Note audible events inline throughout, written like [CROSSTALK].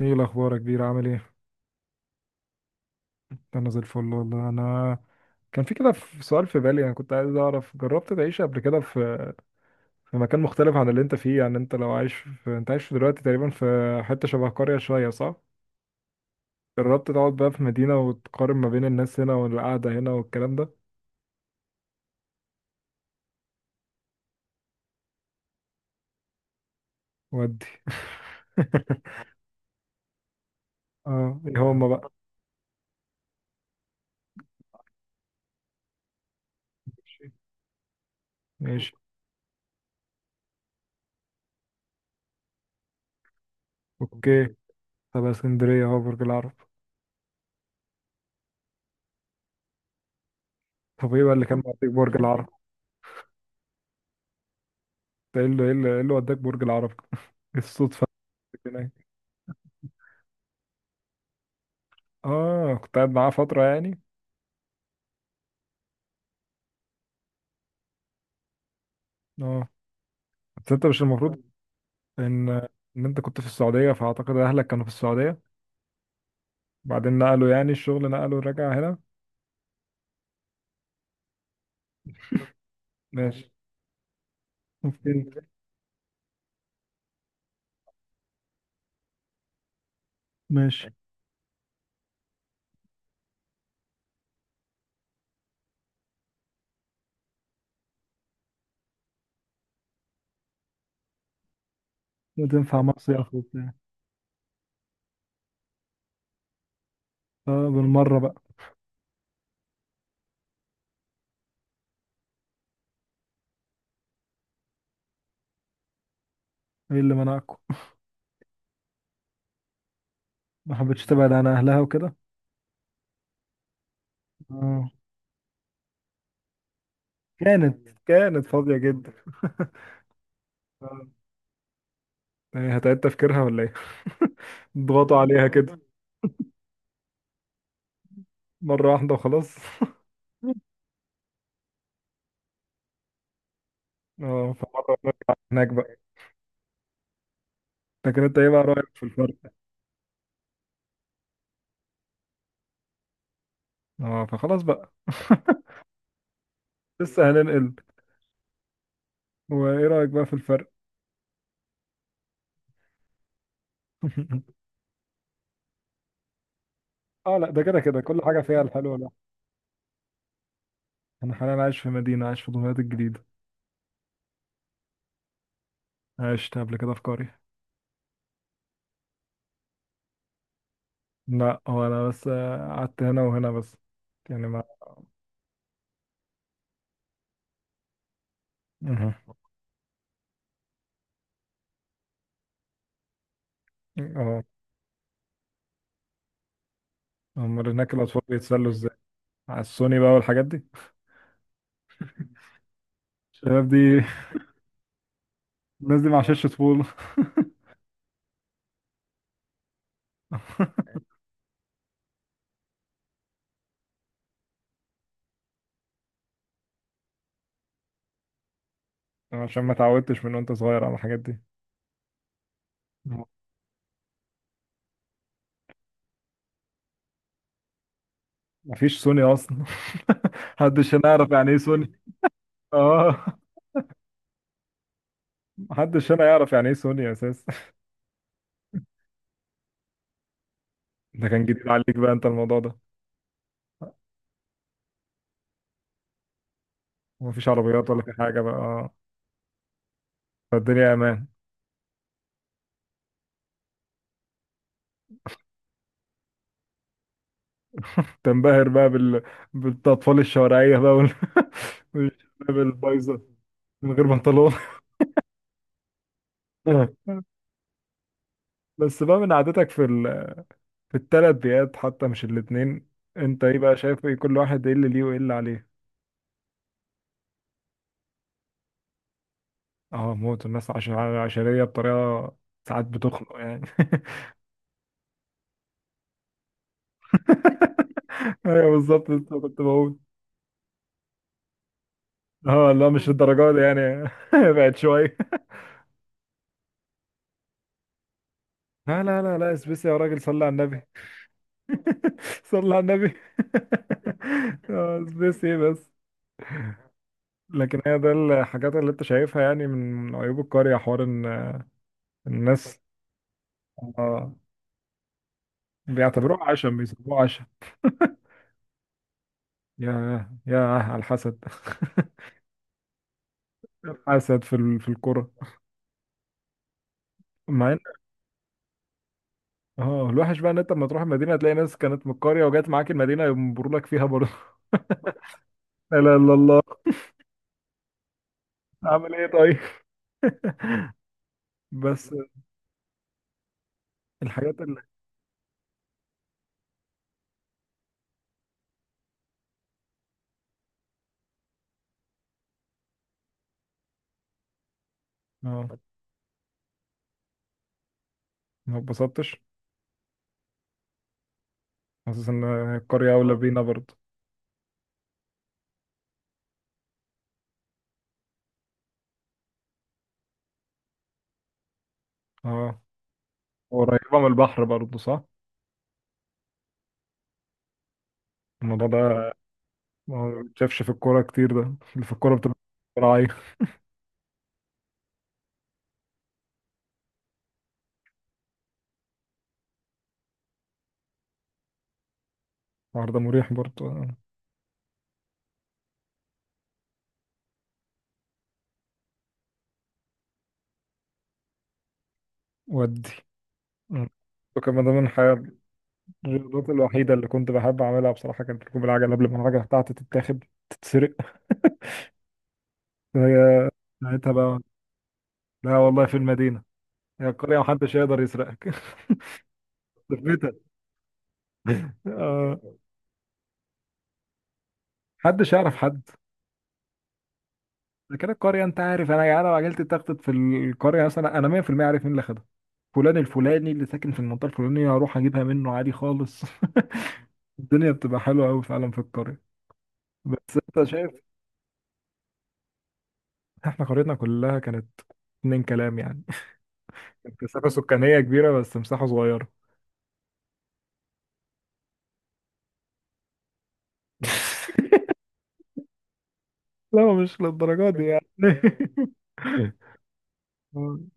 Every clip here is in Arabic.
ايه الاخبار يا كبير، عامل ايه؟ انا زي الفل والله. انا كان في كده، في سؤال في بالي، انا كنت عايز اعرف، جربت تعيش قبل كده في مكان مختلف عن اللي انت فيه؟ يعني انت لو عايش انت عايش دلوقتي تقريبا في حتة شبه قرية شوية، صح؟ جربت تقعد بقى في مدينة وتقارن ما بين الناس هنا والقعدة هنا والكلام ده؟ ودي؟ [LAUGHS] اه، ايه هما بقى؟ ماشي. اوكي. طب اسكندرية اهو برج العرب. طب ايه بقى اللي كان معطيك برج العرب؟ إيه اللي وداك برج العرب؟ [LAUGHS] الصدفة. اه، كنت قاعد معاه فترة يعني. اه. بس انت مش المفروض ان ان انت كنت في السعودية؟ فاعتقد اهلك كانوا في السعودية، بعدين نقلوا، يعني الشغل نقلوا، رجع هنا. ماشي. اوكي. ماشي. وتنفع مصيف وبتاع. اه بالمرة بقى. ايه اللي منعكم؟ ما حبيتش تبعد عن اهلها وكده. اه. كانت فاضية جدا. آه. إيه، هتعيد تفكيرها ولا ايه؟ [LAUGHS] ضغطوا عليها كده مرة واحدة وخلاص. [LAUGHS] اه فمرة هناك بقى. لكن انت ايه بقى رأيك في الفرق؟ اه فخلاص بقى. [LAUGHS] لسه هننقل. وايه رايك بقى في الفرق؟ [LAUGHS] اه لا، ده كده كده كل حاجه فيها الحلوه، لا. انا حاليا عايش في مدينه، عايش في دمياط الجديده. عشت قبل كده في قريه. لا هو انا بس قعدت هنا وهنا بس، يعني ما. مه. اه، امال هناك الاطفال بيتسلوا ازاي؟ على السوني بقى والحاجات دي. الشباب دي، الناس دي ما عاشتش طفوله. [LAUGHS] عشان ما اتعودتش من وانت صغير على الحاجات دي. مفيش سوني اصلا. [LAUGHS] محدش هنا يعرف يعني ايه سوني. اه. محدش هنا يعرف يعني ايه سوني اساسا. ده كان جديد عليك بقى انت الموضوع ده. مفيش عربيات ولا في حاجة بقى، اه. فالدنيا امان. تنبهر بقى بال... بالاطفال الشوارعية بقى وال... [LAUGHS] والشباب البايظة. من غير بنطلون. [LAUGHS] بس بقى من عادتك في ال... في الثلاث بيئات حتى، مش الاتنين، انت ايه بقى شايف؟ ايه كل واحد، ايه اللي ليه وايه اللي عليه؟ اه، موت الناس عش... عشرية بطريقة ساعات بتخنق يعني. [LAUGHS] ايوه بالظبط، لسه كنت بقول. اه لا مش الدرجات دي يعني، [LAUGHS] بعد شوية. لا، اسبسي يا راجل، صلي على النبي. [LAUGHS] صلى على النبي. [LAUGHS] آه، بس ايه بس. لكن هي ده الحاجات اللي انت شايفها يعني من عيوب القرية، حوار ان الناس. اه، بيعتبروها عشم، بيسموها عشم. يا، يا على الحسد. [LAUGHS] حسد في ال- في الكرة. مع ان، اه، الوحش بقى ان انت لما تروح المدينة هتلاقي ناس كانت من القرية وجات معاك المدينة ينبروا لك فيها برضه. [LAUGHS] لا اله الا الله. عامل ايه طيب. [LAUGHS] بس الحاجات اللي. اه، ما اتبسطتش. حاسس ان القرية اولى بينا برضه. اه، قريبة من البحر برضه صح؟ الموضوع ده ما بتشافش في الكورة كتير، ده اللي في الكورة بتبقى راعي. الحوار ده مريح برضه. ودي. وكان ده من حاجة. الرياضات الوحيدة اللي كنت بحب أعملها بصراحة كانت ركوب العجل، قبل ما العجلة بتاعتي تتاخد، تتسرق. [LAUGHS] هي ساعتها بقى. لا والله، في المدينة. هي القرية محدش يقدر يسرقك. [LAUGHS] ثبتها. آه، محدش يعرف حد. ده كده القرية انت عارف، انا يعني لو عجلت تخطط في القرية مثلا، انا 100% عارف مين اللي خدها. فلان الفلاني اللي ساكن في المنطقة الفلانية، هروح اجيبها منه عادي خالص. [LAUGHS] الدنيا بتبقى حلوة قوي فعلا في القرية. بس انت شايف، احنا قريتنا كلها كانت اتنين كلام يعني. [LAUGHS] كانت مسافة سكانية كبيرة بس مساحة صغيرة. [LAUGHS] لا مش للدرجة دي يعني [LAUGHS] [LAUGHS]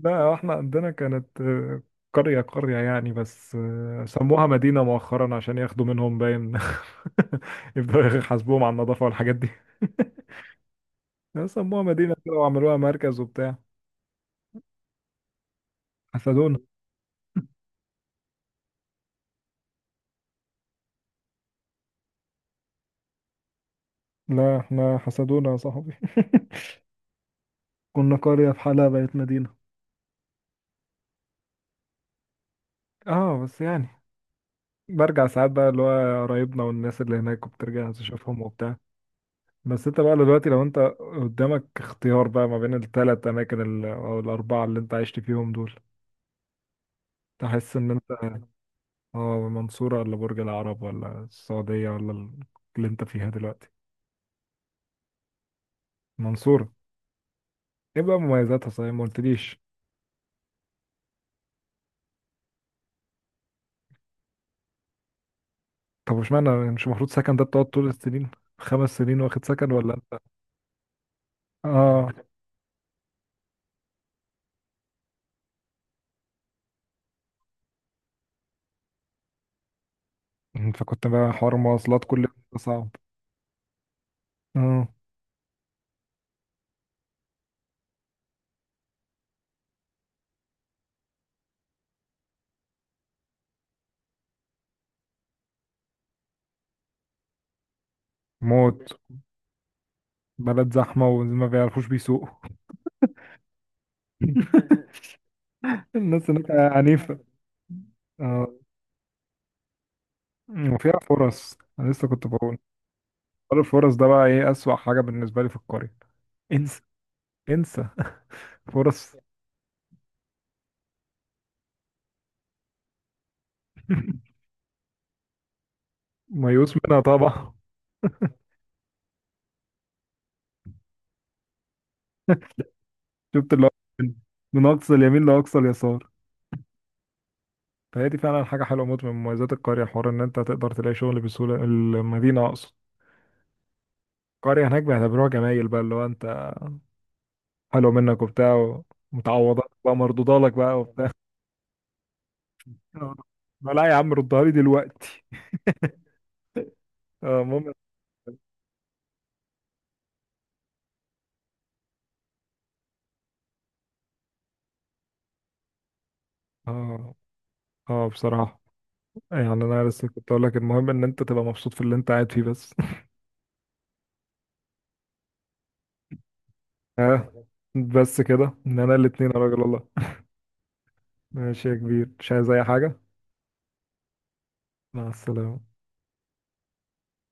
لا هو احنا عندنا كانت آه، قرية قرية يعني، بس آه، سموها مدينة مؤخرا عشان ياخدوا منهم باين. [LAUGHS] يبدأوا يحاسبوهم على النظافة والحاجات دي. [LAUGHS] لا، سموها مدينة كده وعملوها مركز وبتاع. حسدونا. لا احنا حسدونا يا صاحبي. [LAUGHS] كنا قرية في حالها بقت مدينة. اه بس يعني برجع ساعات بقى، اللي هو قرايبنا والناس اللي هناك وبترجع تشوفهم وبتاع. بس انت بقى دلوقتي لو انت قدامك اختيار بقى ما بين الثلاث اماكن ال- او الاربعة اللي انت عشت فيهم دول، تحس ان انت، اه، منصورة ولا برج العرب ولا السعودية ولا ال- اللي انت فيها دلوقتي؟ منصورة. ايه بقى مميزاتها صحيح، ما قلتليش. طب اشمعنى مش المفروض سكن ده بتقعد طول السنين؟ خمس سنين واخد سكن ولا انت؟ اه فكنت بقى حوار مواصلات كل يوم، ده صعب. اه موت. بلد زحمة وما بيعرفوش بيسوقوا. [LAUGHS] الناس هناك عنيفة. اه، وفيها فرص، انا لسه كنت بقول. حوار الفرص ده بقى ايه اسوأ حاجة بالنسبة لي في القرية. انسى، انسى فرص. [LAUGHS] ميؤوس منها طبعا. [LAUGHS] شفت اللي هو من من اقصى اليمين لاقصى اليسار. فهي دي فعلا حاجه حلوه موت من مميزات القريه، حوار ان انت تقدر تلاقي شغل بسهوله. المدينه اقصد. القريه هناك بيعتبروها جمايل بقى، اللي هو انت حلو منك وبتاع، ومتعوضات بقى، مردودة لك بقى وبتاع. [LAUGHS] ما لا يا عم، ردها لي دلوقتي. [LAUGHS] آه، المهم. اه. اه بصراحه، يعني انا لسه كنت اقول لك، المهم ان انت تبقى مبسوط في اللي انت قاعد فيه بس. [LAUGHS] اه بس كده، ان انا الاتنين يا راجل والله. ماشي يا كبير، مش عايز اي حاجه. مع السلامه.